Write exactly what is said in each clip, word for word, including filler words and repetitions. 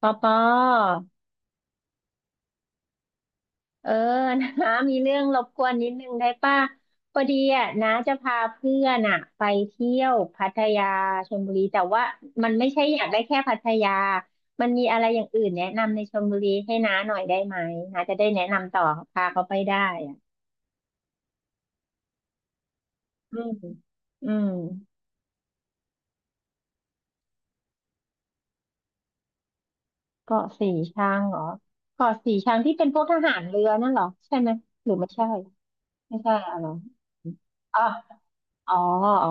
ปอปอเออ นะมีเรื่องรบกวนนิดนึงได้ป่ะพอดีอ่ะนะจะพาเพื่อนอ่ะไปเที่ยวพัทยาชลบุรีแต่ว่ามันไม่ใช่อยากได้แค่พัทยามันมีอะไรอย่างอื่นแนะนำในชลบุรีให้น้าหน่อยได้ไหมนาจะได้แนะนำต่อพาเขาไปได้อ่ะอืมอืมเกาะสีชังเหรอเกาะสีชังที่เป็นพวกทหารเรือนั่นเหรอใช่ไหมหรือไม่ใช่ไม่ใช่อะไรออ๋ออ๋ออ๋อ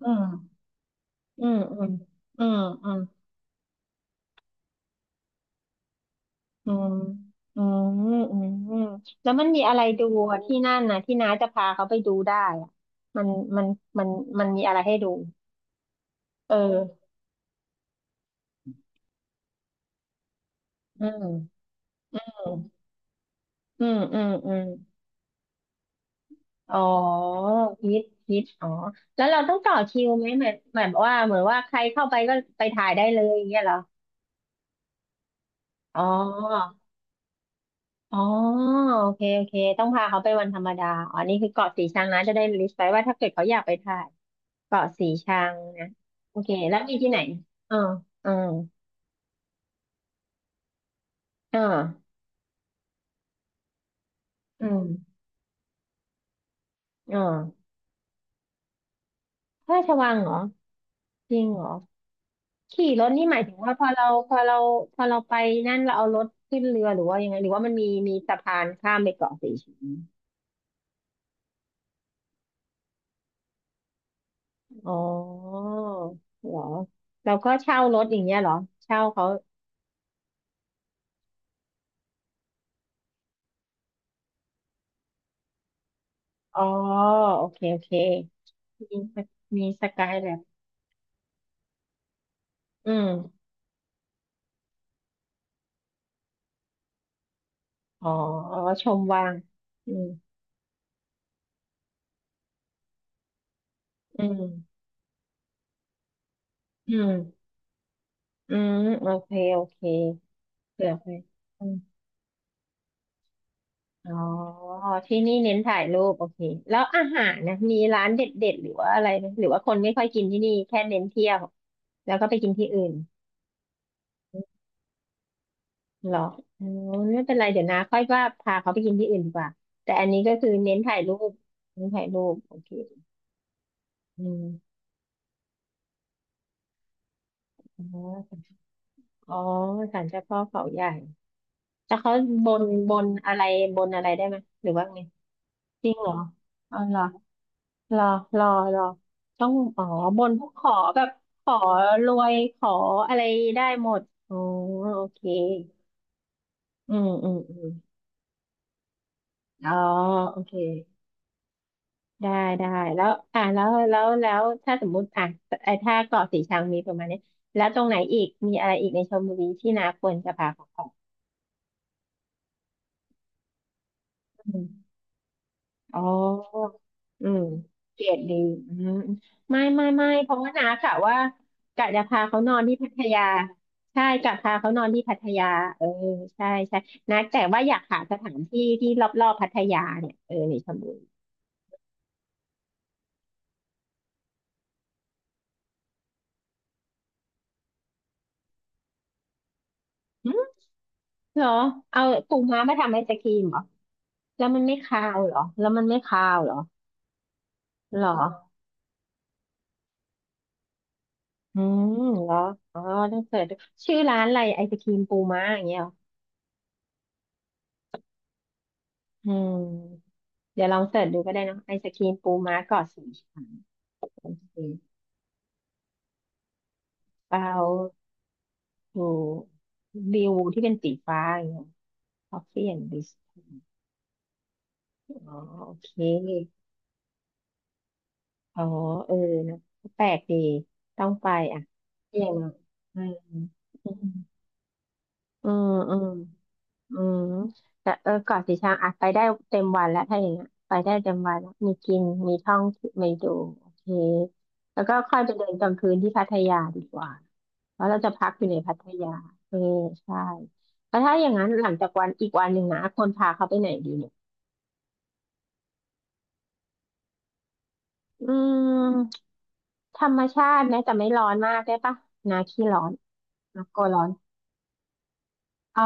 อืม อืมอืมอืมอืมอืมอืมอืมอืมแล้วมันมีอะไรดูอะที่นั่นนะที่น้าจะพาเขาไปดูได้อะมันมันมันมันมีอะไรให้ดูเอออืมอืมอืมอืมอ๋อฮิตฮิตอ๋อแล้วเราต้องต่อคิวไหมเหมือนเหมือนว่าเหมือนว่าใครเข้าไปก็ไปถ่ายได้เลยอย่างเงี้ยเหรออ๋อ อ๋อโอเคโอเคต้องพาเขาไปวันธรรมดาอ๋อนี่คือเกาะสีชังนะจะได้ลิสต์ไว้ว่าถ้าเกิดเขาอยากไปถ่ายเกาะสีชังนะโอเคแล้วมีที่ไหนอ๋าอ๋าอ่าอืมอ๋อพระราชวังเหรอจริงเหรอขี่รถนี่หมายถึงว่าพอเราพอเราพอเราไปนั่นเราเอารถขึ้นเรือหรือว่ายังไงหรือว่ามันมีมีสะพานข้ามไปเกาะสีชังอ๋อเหรอเราก็เช่ารถอย่างเงี้ยเหรอเช่าเขา อ๋อโอเคโอเคมีสมีสกายแล็บอืมอ๋ออ๋อชมวางอืมอืมอืมอืมโอเคโอเคเผื่อไปอืมอ๋อที่นี่เน้นถ่ายรูปโอเคแล้วอาหารนะมีร้านเด็ดๆหรือว่าอะไรไหมหรือว่าคนไม่ค่อยกินที่นี่แค่เน้นเที่ยวแล้วก็ไปกินที่อื่นหรออ๋อไม่เป็นไรเดี๋ยวนะค่อยว่าพาเขาไปกินที่อื่นดีกว่าแต่อันนี้ก็คือเน้นถ่ายรูปเน้นถ่ายรูปโอเคอืมอ๋อ อ๋อศาลเจ้าพ่อเขาใหญ่แล้วเขาบนบนอะไรบนอะไรได้ไหมหรือว่าไงจริงเหรออ๋อเหรอรอรอรอต้องอ๋อบนพวกขอแบบขอรวยขออะไรได้หมดอ๋อโอเคอืมอืมอืมอ๋อโอเคได้ได้แล้วอ่ะแล้วแล้วแล้วถ้าสมมุติอ่ะไอ้ถ้าเกาะสีชังมีประมาณนี้แล้วตรงไหนอีกมีอะไรอีกในชลบุรีที่น้าควรจะพาเขาไปอืม อ๋ออืมเกรดดีอืมไม่ไม่ไม่เพราะว่านะกะว่ากะจะพาเขานอนที่พัทยา ใช่กะพาเขานอนที่พัทยาเออใช่ใช่นะแต่ว่าอยากหาสถานที่ที่รอบรอบพัทยาเนี่ยเออในชลบุรีหึเหรอเอาปูม้ามาทำไอศกรีมเหรอแล้วมันไม่คาวเหรอแล้วมันไม่คาวเหรอเหรออืมเหรออ๋อต้องเสิร์ชดูชื่อร้านอะไรไอศกรีมปูม้าอย่างเงี้ยเหรอ อืมเดี๋ยวลองเสิร์ชดูก็ได้เนอะไอศกรีมปูม้าเกาะสีชังโอเคเปล่าถูวิวที่เป็นสีฟ้าอย่างเงี้ย Coffee and Bistro อ๋อโอเคอ๋อเออนะแปลกดีต้องไปอ่ะอย่างนออืมอืมอืมอืม อืมแต่เออเกาะสีชังอ่ะไปได้เต็มวันแล้วถ้าอย่างเงี้ยไปได้เต็มวันแล้วมีกินมีท่องมีดูโอเคแล้วก็ค่อยไปเดินกลางคืนที่พัทยาดีกว่าเพราะเราจะพักอยู่ในพัทยาเออใช่แล้วถ้าอย่างนั้นหลังจากวันอีกวันหนึ่งนะควรพาเขาไปไหนดีเนี่ยอืมธรรมชาติแม้แต่ไม่ร้อนมากได้ปะนาขี้ร้อนนาโกลัวร้อนอ๋อ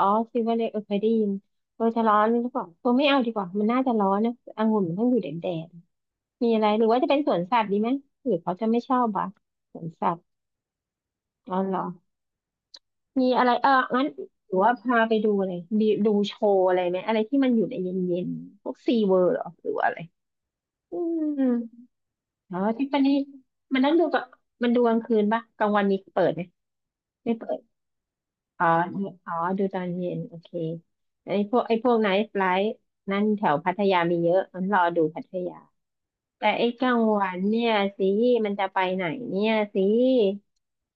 อ๋อซิลเวอร์เลยเออเคยได้ยินเออจะร้อนหรือเปล่าตัวไม่เอาดีกว่ามันน่าจะร้อนนะองุ่นมันต้องอยู่แดดแดด มีอะไรหรือว่าจะเป็นสวนสัตว์ดีไหมหรือเขาจะไม่ชอบอ่ะสวนสัตว์อ๋อเหรอมีอะไรเอองั้นหรือว่าพาไปดูอะไรดีดูโชว์อะไรไหมอะไรที่มันอยู่ในเย็นๆพวกซีเวิร์เหรอหรือว่าอะไรอืมอ๋อที่ปานี่มันนั่งดูกับมันดูกลางคืนปะกลางวันมีเปิดไหมไม่เปิดอ๋ออ๋อดูตอนเย็นโอเคไอ้พวกไอ้พวกไนท์ไลฟ์นั่นแถวพัทยามีเยอะงั้นรอดูพัทยา แต่ไอ้กลางวันเนี่ยสิมันจะไปไหนเนี่ยสิ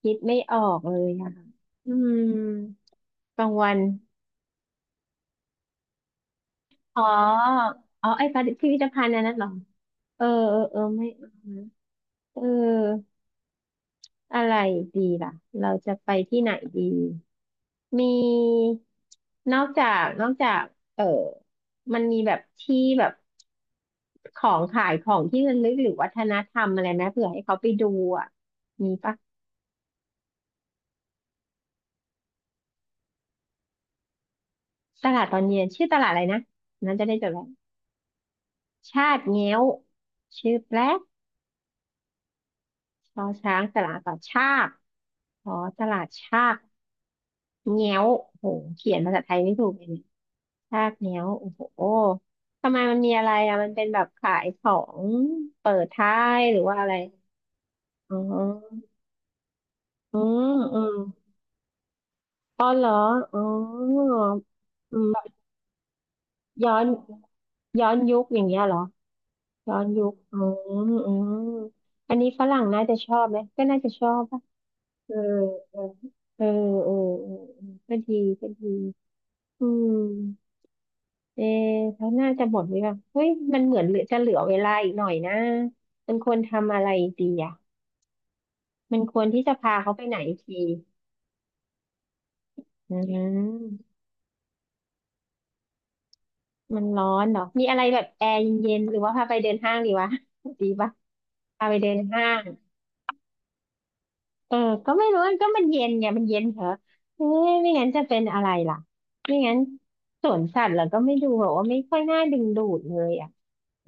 คิดไม่ออกเลยอะอืมกลางวันอ๋ออ๋อไอ้พิพิธภัณฑ์อันนั้นเหรอเออเออเออไม่เอานะเอออะไรดีล่ะเราจะไปที่ไหนดีมีนอกจากนอกจากเออมันมีแบบที่แบบของขายของที่ระลึกหรือวัฒนธรรมอะไรไหมเผื่อให้เขาไปดูอ่ะมีปะ ตลาดตอนเย็นชื่อตลาดอะไรนะ นั้นจะได้จดไว้ชาติเงี้ยวชื่อแปลกชอช้างตลาดก่อชากอ๋อตลาดชากเงี้ยวโหเขียนภาษาไทยไม่ถูกเลยเนี่ยชากเงี้ยวโอ้โหทำไมมันมีอะไรอ่ะมันเป็นแบบขายของเปิดท้ายหรือว่าอะไรอ๋ออืมอืมอ๋อเหรออ๋ออืมแบบย้อนย้อนยุคอย่างเงี้ยเหรอ ย้อนยุคอืมอืมอันนี้ฝรั่งน่าจะชอบไหมก็น่าจะชอบป่ะเออเออเออเออเออเออก็ดีก็ดีอืมเออเขาน่าจะหมดไหมล่ะเฮ้ยมันเหมือนเหลือจะเหลือเวลาอีกหน่อยนะมันควรทำอะไรดีอ่ะมันควรที่จะพาเขาไปไหนทีอืมมันร้อนเหรอ มีอะไรแบบแอร์เย็นๆหรือว่าพาไปเดินห้างดีวะดีปะพาไปเดินห้าง เออก็ไม่รู้ก็มันเย็นไง มันเย็นเหรอเอ้ยไม่งั้นจะเป็นอะไรล่ะไม่งั้นสวนสัตว์เหรอก็ไม่ดูแบบว่าไม่ค่อยน่าดึงดูดเลยอ่ะ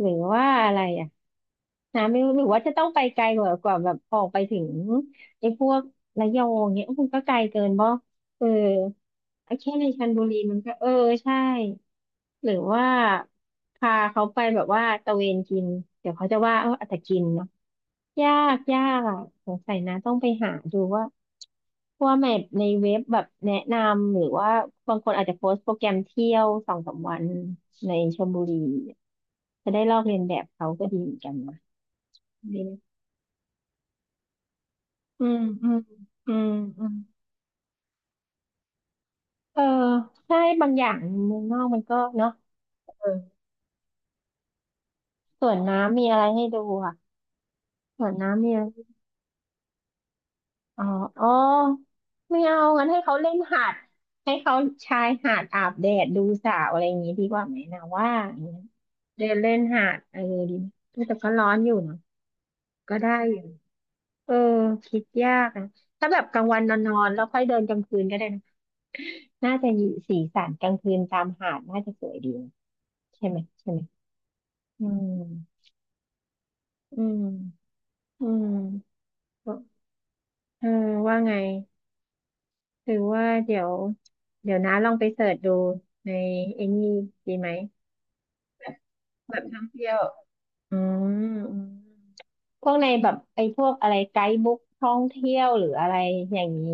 หรือว่าอะไรอ่ะนะไม่รู้หรือว่าจะต้องไปไกลกว่ากว่าแบบออกไปถึงไอ้พวกระยองเนี้ยมันก็ไกลเกินบ่ เออเอาแค่ในชลบุรีมันก็เออใช่ หรือว่าพาเขาไปแบบว่าตะเวนกิน เดี๋ยวเขาจะว่าเอออาจจะกินเนาะยากยากอ่ะสงสัยนะต้องไปหาดูว่าว่าแมพในเว็บแบบแนะนำหรือว่าบางคนอาจจะโพสต์โปรแกรมเที่ยวสองสามวันในชลบุรี จะได้ลอกเลียนแบบเขาก็ดีเหมือนกันนะดีไหมอืมอืมอืมอืมเออ ใช่บางอย่างเมืองนอกมันก็เนาะ สวนน้ำมีอะไรให้ดูอ่ะสวนน้ำมีอะไรอ๋ออ๋อไม่เอางั้นให้เขาเล่นหาดให้เขาชายหาดอาบแดดดูสาวอะไรอย่างงี้ดีกว่าไหมนะว่าอย่างเงี้ยเดินเล่นหาดเออดีไหมแต่ก็ร้อนอยู่นะก็ได้อยู่เออคิดยากนะถ้าแบบกลางวันนอนๆแล้วค่อยเดินกลางคืนก็ได้นะน่าจะอยู่สีสันกลางคืนตามหาดน่าจะสวยดีนะใช่ไหมใช่ไหมอืมอืมอืมเออว่าไง ถือว่าเดี๋ยวเดี๋ยวนะลองไปเสิร์ชดูในไอ้นี่ดีไหมแบบแบบท่องเที่ยวอืมอืมพวกในแบบไอ้พวกอะไรไกด์บุ๊กท่องเที่ยวหรืออะไรอย่างนี้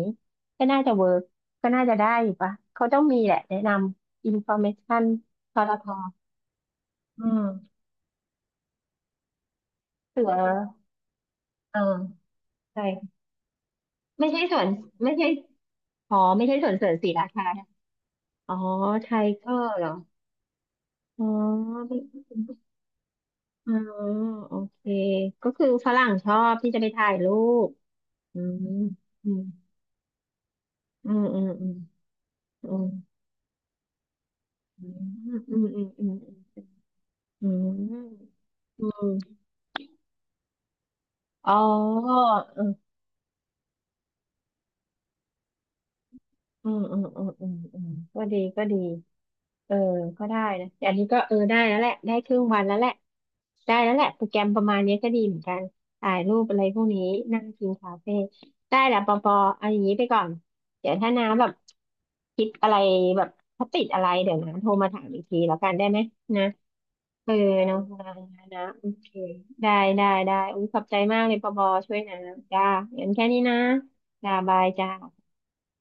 ก็น่าจะเวิร์กก็น่าจะได้อยู่ปะเขาต้องมีแหละแนะนำอินฟอร์เมชันทรทอืมเสือเออใช่ไม่ใช่สวนไม่ใช่อ๋อไม่ใช่สวนเสริมศรีราชานะอ๋อไทเกอร์เหรออ๋อ อ๋อโอเคก็คือฝรั่งชอบที่จะไปถ่ายรูปอืมอืมอืมอืมอืมอืมอืมอืมอืมอืมอืมอืมอืมอ๋อ อืมอืมอืมอืมอืมก็ดีก็ดีเออก็ได้นะอันนี้ก็เออได้แล้วแหละได้ครึ่งวันแล้วแหละได้แล้วแหละโปรแกรมประมาณนี้ก็ดีเหมือนกันถ่ายรูปอะไรพวกนี้นั่งกินคาเฟ่ได้แหละปอปอเอาอย่างนี้ไปก่อนเดี๋ยวถ้าน้าแบบคิดอะไรแบบถ้าติดอะไรเดี๋ยวนะโทรมาถามอีกทีแล้วกันได้ไหมนะเออเนาะนะนะนะโอเคได้ได้ได้อุ้ยขอบใจมากเลยปอปอช่วยนะจ้างั้นแค่นี้นะจ้าบายจ้า